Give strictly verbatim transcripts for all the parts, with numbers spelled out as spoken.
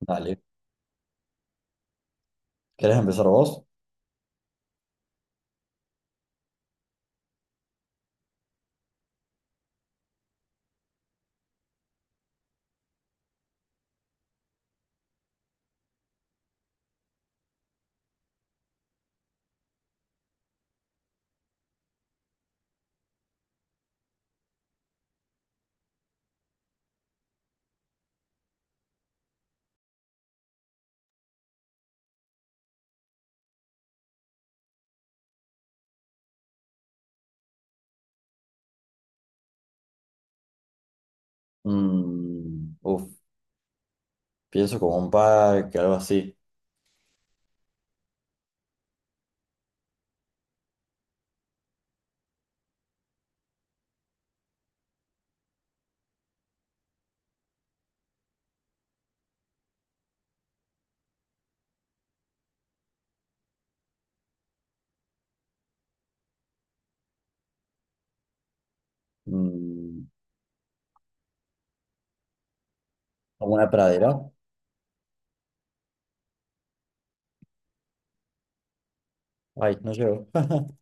Dale. ¿Querés empezar vos? Mm, uf, Pienso como un parque, algo así. Mm, como una pradera. Ay, no llego.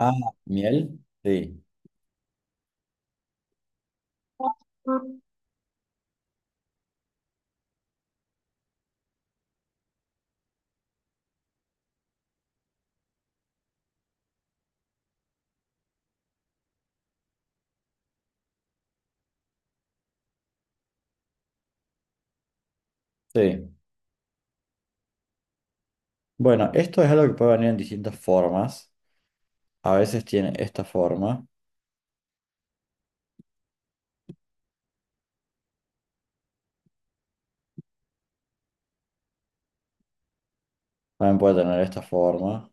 Ah, miel. Sí, sí. Bueno, esto es algo que puede venir en distintas formas. A veces tiene esta forma. También puede tener esta forma.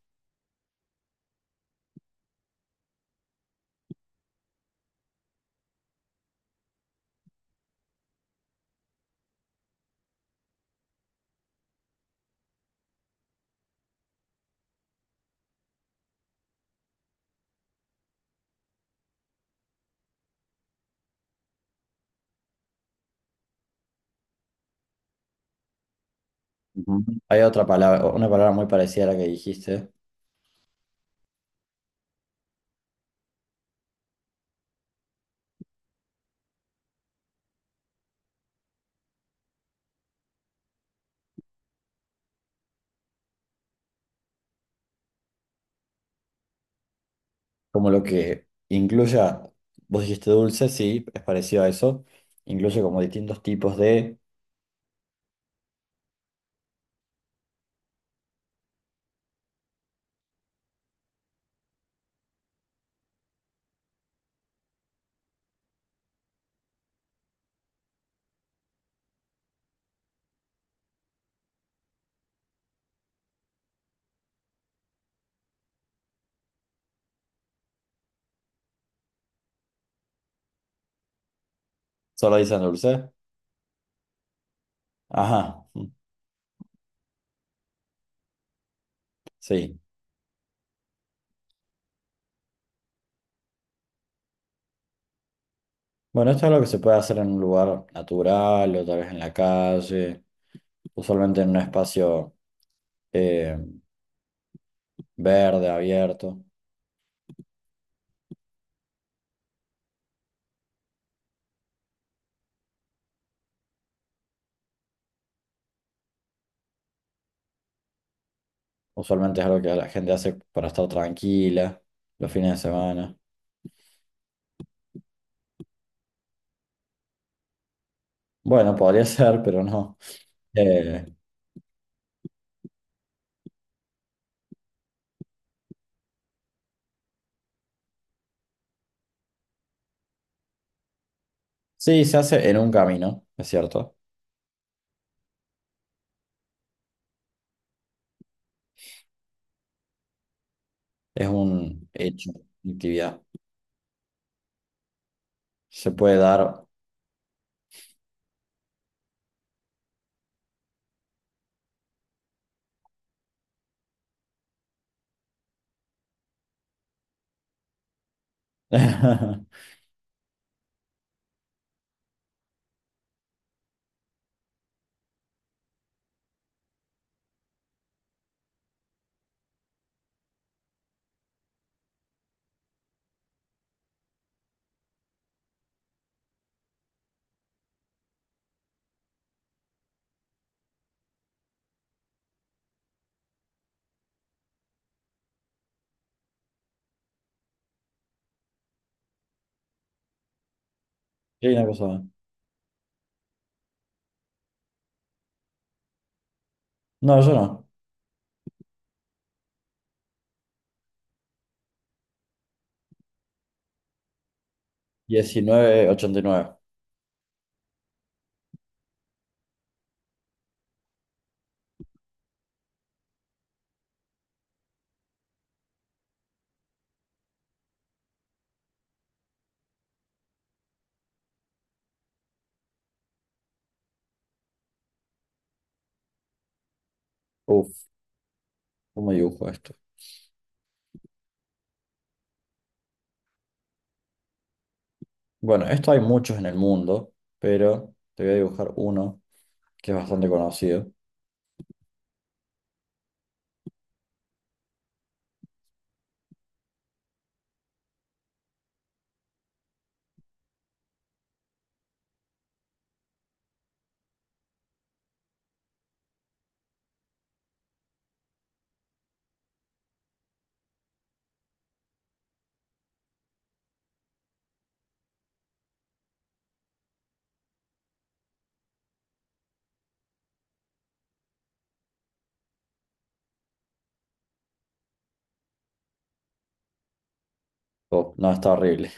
Ujú. Hay otra palabra, una palabra muy parecida a la que dijiste. Como lo que incluya, vos dijiste dulce, sí, es parecido a eso. Incluye como distintos tipos de, solo dicen dulce. Ajá, mm, sí. Bueno, esto es lo que se puede hacer en un lugar natural o tal vez en la calle, usualmente en un espacio eh, verde, abierto. Usualmente es algo que la gente hace para estar tranquila los fines de semana. Bueno, podría ser, pero no. Eh, sí, se hace en un camino, es cierto. Es un hecho, una actividad. Se puede dar. Sí, una cosa más. No, yo no. Diecinueve ochenta y nueve. Uf, ¿cómo dibujo esto? Bueno, esto hay muchos en el mundo, pero te voy a dibujar uno que es bastante conocido. Oh, no, está horrible.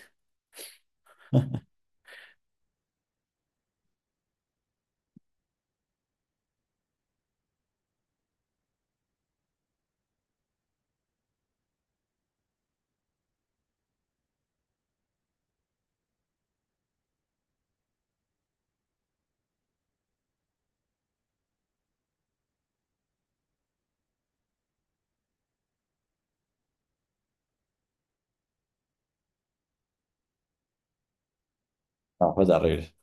No, fue terrible.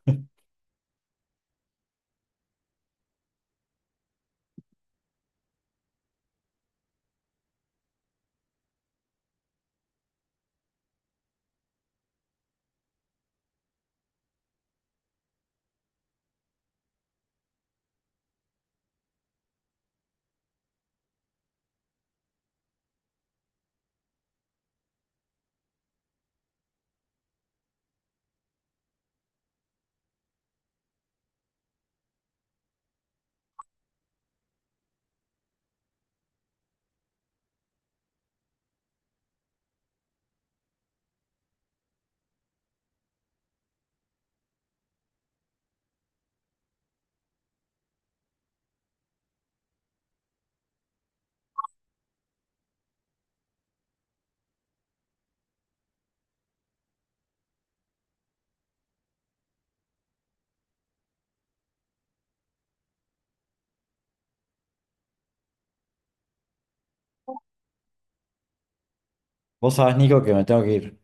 Vos sabés, Nico, que me tengo que ir.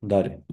Dale.